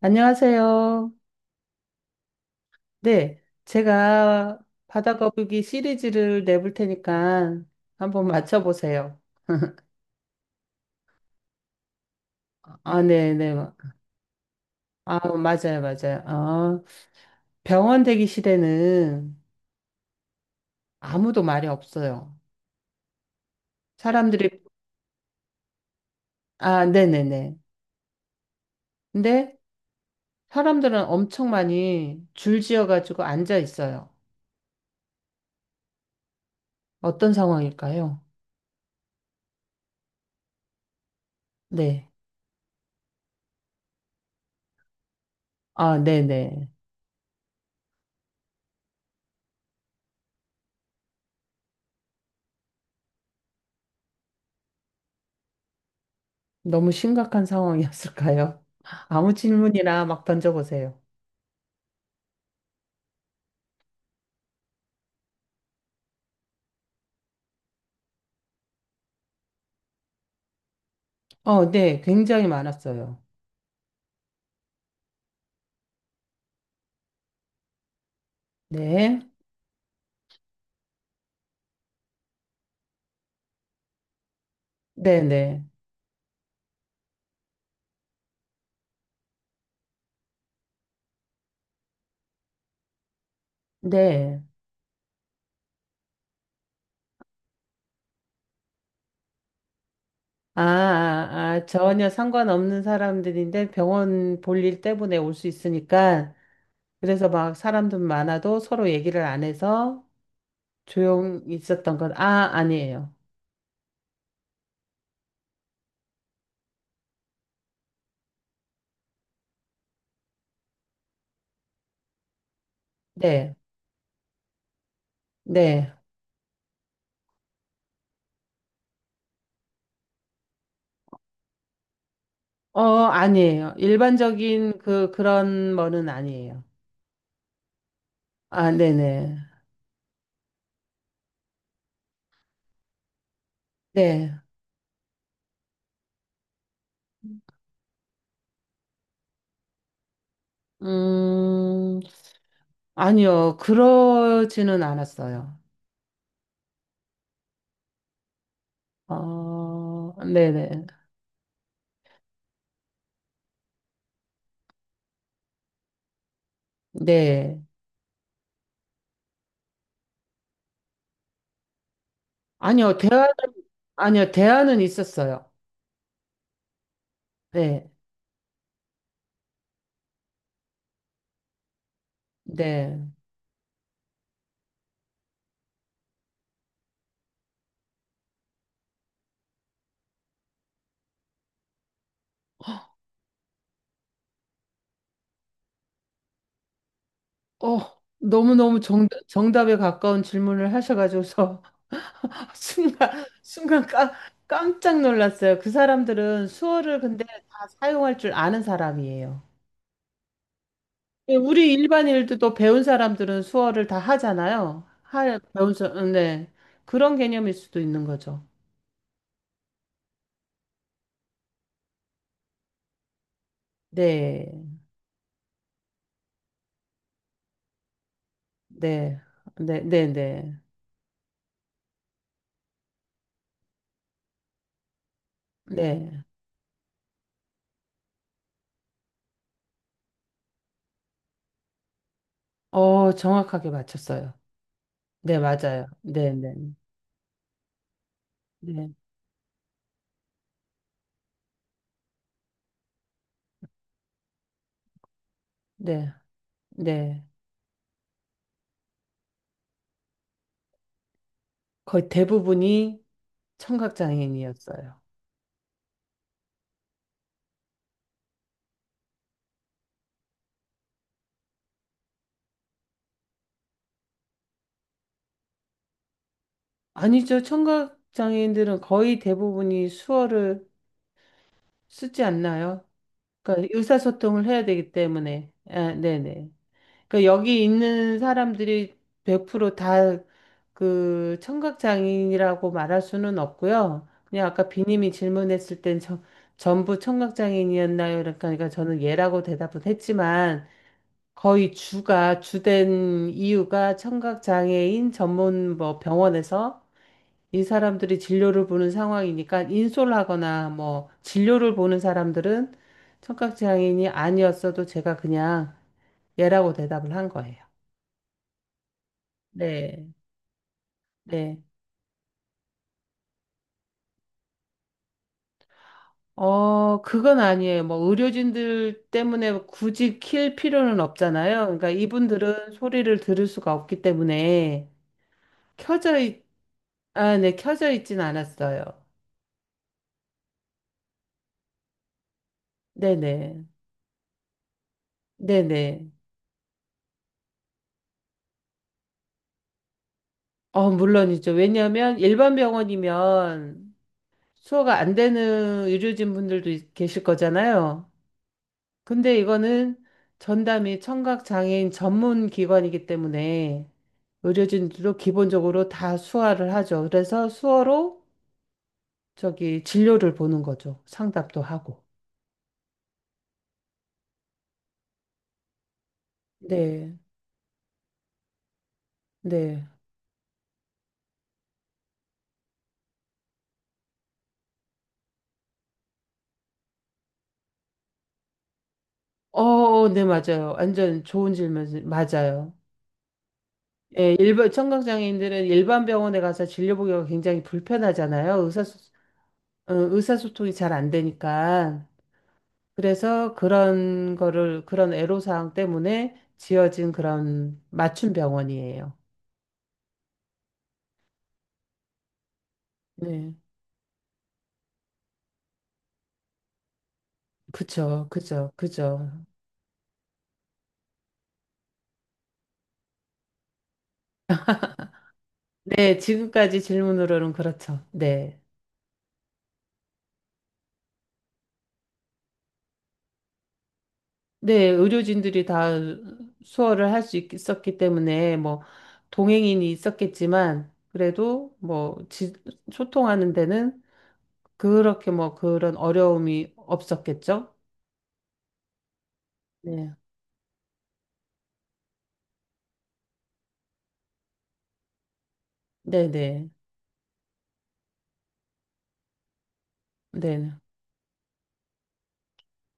안녕하세요. 네, 제가 바다거북이 시리즈를 내볼 테니까 한번 맞춰보세요. 아, 네, 네. 아, 맞아요, 맞아요. 아, 병원 대기실에는 아무도 말이 없어요. 사람들이, 아, 네네네. 근데 사람들은 엄청 많이 줄지어가지고 앉아 있어요. 어떤 상황일까요? 네. 아, 네네. 너무 심각한 상황이었을까요? 아무 질문이나 막 던져보세요. 어, 네, 굉장히 많았어요. 네, 네, 네, 네. 아, 아, 아, 전혀 상관없는 사람들인데 병원 볼일 때문에 올 수 있으니까 그래서 막 사람들 많아도 서로 얘기를 안 해서 조용히 있었던 건, 아, 아니에요. 네, 네. 어, 아니에요. 일반적인 그런 거는 아니에요. 아, 네네. 네. 음, 아니요. 그러지는 않았어요. 어, 네네. 네. 아니요, 대화는, 아니요, 대화는 있었어요. 네. 네. 어, 너무너무 정, 정답에 가까운 질문을 하셔가지고서 순간 깜짝 놀랐어요. 그 사람들은 수어를 근데 다 사용할 줄 아는 사람이에요. 예, 우리 일반인들도 배운 사람들은 수어를 다 하잖아요. 배운 사람, 네. 그런 개념일 수도 있는 거죠. 네. 네. 네, 네, 네. 네. 어, 정확하게 맞췄어요. 네, 맞아요. 네, 네. 네, 네, 네. 거의 대부분이 청각장애인이었어요. 아니죠. 청각장애인들은 거의 대부분이 수어를 쓰지 않나요? 그러니까 의사소통을 해야 되기 때문에. 아, 네네. 그러니까 여기 있는 사람들이 100%다 그 청각 장애인이라고 말할 수는 없고요. 그냥 아까 비님이 질문했을 땐 저, 전부 청각 장애인이었나요? 그러니까 저는 예라고 대답은 했지만 거의 주가 주된 이유가 청각 장애인 전문 뭐 병원에서 이 사람들이 진료를 보는 상황이니까 인솔하거나 뭐 진료를 보는 사람들은 청각 장애인이 아니었어도 제가 그냥 예라고 대답을 한 거예요. 네. 네. 어, 그건 아니에요. 뭐, 의료진들 때문에 굳이 킬 필요는 없잖아요. 그러니까 이분들은 소리를 들을 수가 없기 때문에 켜져 있, 아, 네, 켜져 있진 않았어요. 네네. 네네. 어, 물론이죠. 왜냐하면 일반 병원이면 수호가 안 되는 의료진 분들도 계실 거잖아요. 근데 이거는 전담이 청각장애인 전문 기관이기 때문에 의료진들도 기본적으로 다 수화를 하죠. 그래서 수어로 저기 진료를 보는 거죠. 상담도 하고. 네, 네. 어, 어, 네, 맞아요. 완전 좋은 질문, 맞아요. 예, 청각장애인들은 일반 병원에 가서 진료 보기가 굉장히 불편하잖아요. 의사소통이 잘 안 되니까. 그래서 그런 애로사항 때문에 지어진 그런 맞춤 병원이에요. 네. 그쵸, 그죠, 그죠. 네, 지금까지 질문으로는 그렇죠. 네. 네, 의료진들이 다 수어를 할 수 있었기 때문에, 뭐, 동행인이 있었겠지만, 그래도 뭐, 소통하는 데는 그렇게 뭐, 그런 어려움이 없었겠죠? 네. 네네. 네.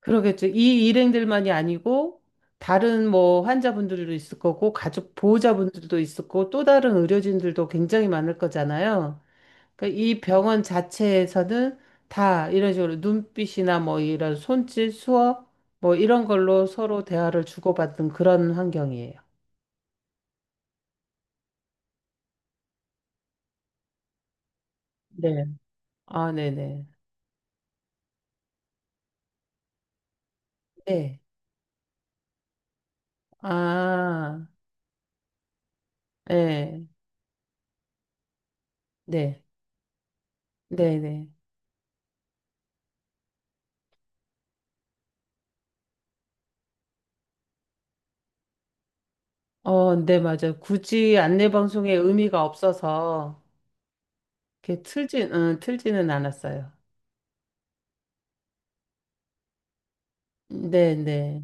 그러겠죠. 이 일행들만이 아니고 다른 뭐 환자분들도 있을 거고 가족 보호자분들도 있을 거고 또 다른 의료진들도 굉장히 많을 거잖아요. 그러니까 이 병원 자체에서는 다 이런 식으로 눈빛이나 뭐 이런 손짓, 수어 뭐 이런 걸로 서로 대화를 주고받는 그런 환경이에요. 네. 아, 네네. 네. 아, 네. 네. 네네. 어, 네, 맞아요. 굳이 안내 방송에 의미가 없어서 이렇게 틀지는 않았어요. 네네.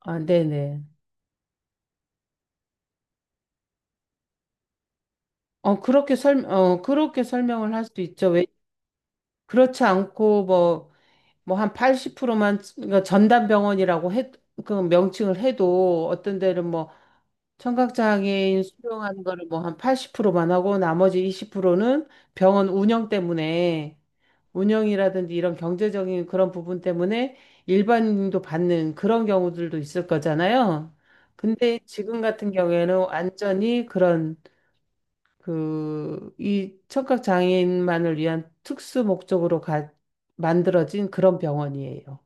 아, 네네. 어, 그렇게 설명을 할 수도 있죠. 왜, 그렇지 않고, 뭐, 한 80%만, 그러니까 전담병원이라고 해, 그 명칭을 해도, 어떤 데는 뭐, 청각장애인 수용하는 거를 뭐, 한 80%만 하고, 나머지 20%는 병원 운영 때문에, 운영이라든지 이런 경제적인 그런 부분 때문에 일반인도 받는 그런 경우들도 있을 거잖아요. 근데 지금 같은 경우에는 완전히 그런 그 이 청각 장애인만을 위한 특수 목적으로 만들어진 그런 병원이에요.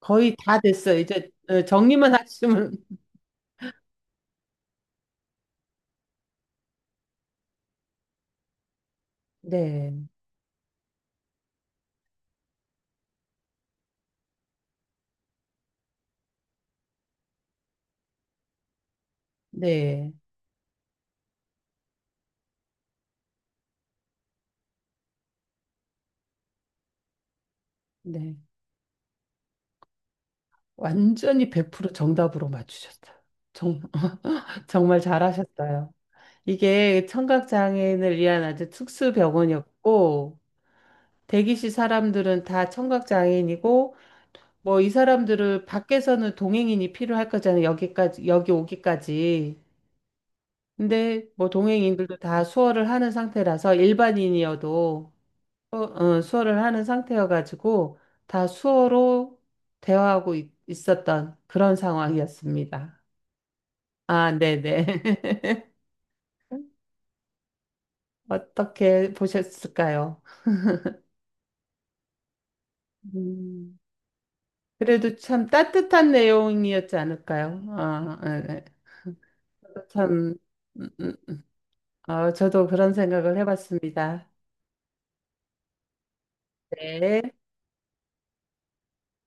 거의 다 됐어요. 이제 정리만 하시면 네, 네, 네. 완전히 100% 정답으로 맞추셨다. 정, 정말 잘하셨어요. 이게 청각장애인을 위한 아주 특수 병원이었고, 대기실 사람들은 다 청각장애인이고, 뭐 이 사람들을 밖에서는 동행인이 필요할 거잖아요. 여기까지, 여기 오기까지. 근데 뭐 동행인들도 다 수어를 하는 상태라서 일반인이어도 수어를 하는 상태여가지고 다 수어로 대화하고 있었던 그런 상황이었습니다. 아, 네네. 어떻게 보셨을까요? 음. 그래도 참 따뜻한 내용이었지 않을까요? 아, 예, 예. 저도 참, 음, 음, 저도 그런 생각을 해봤습니다. 네.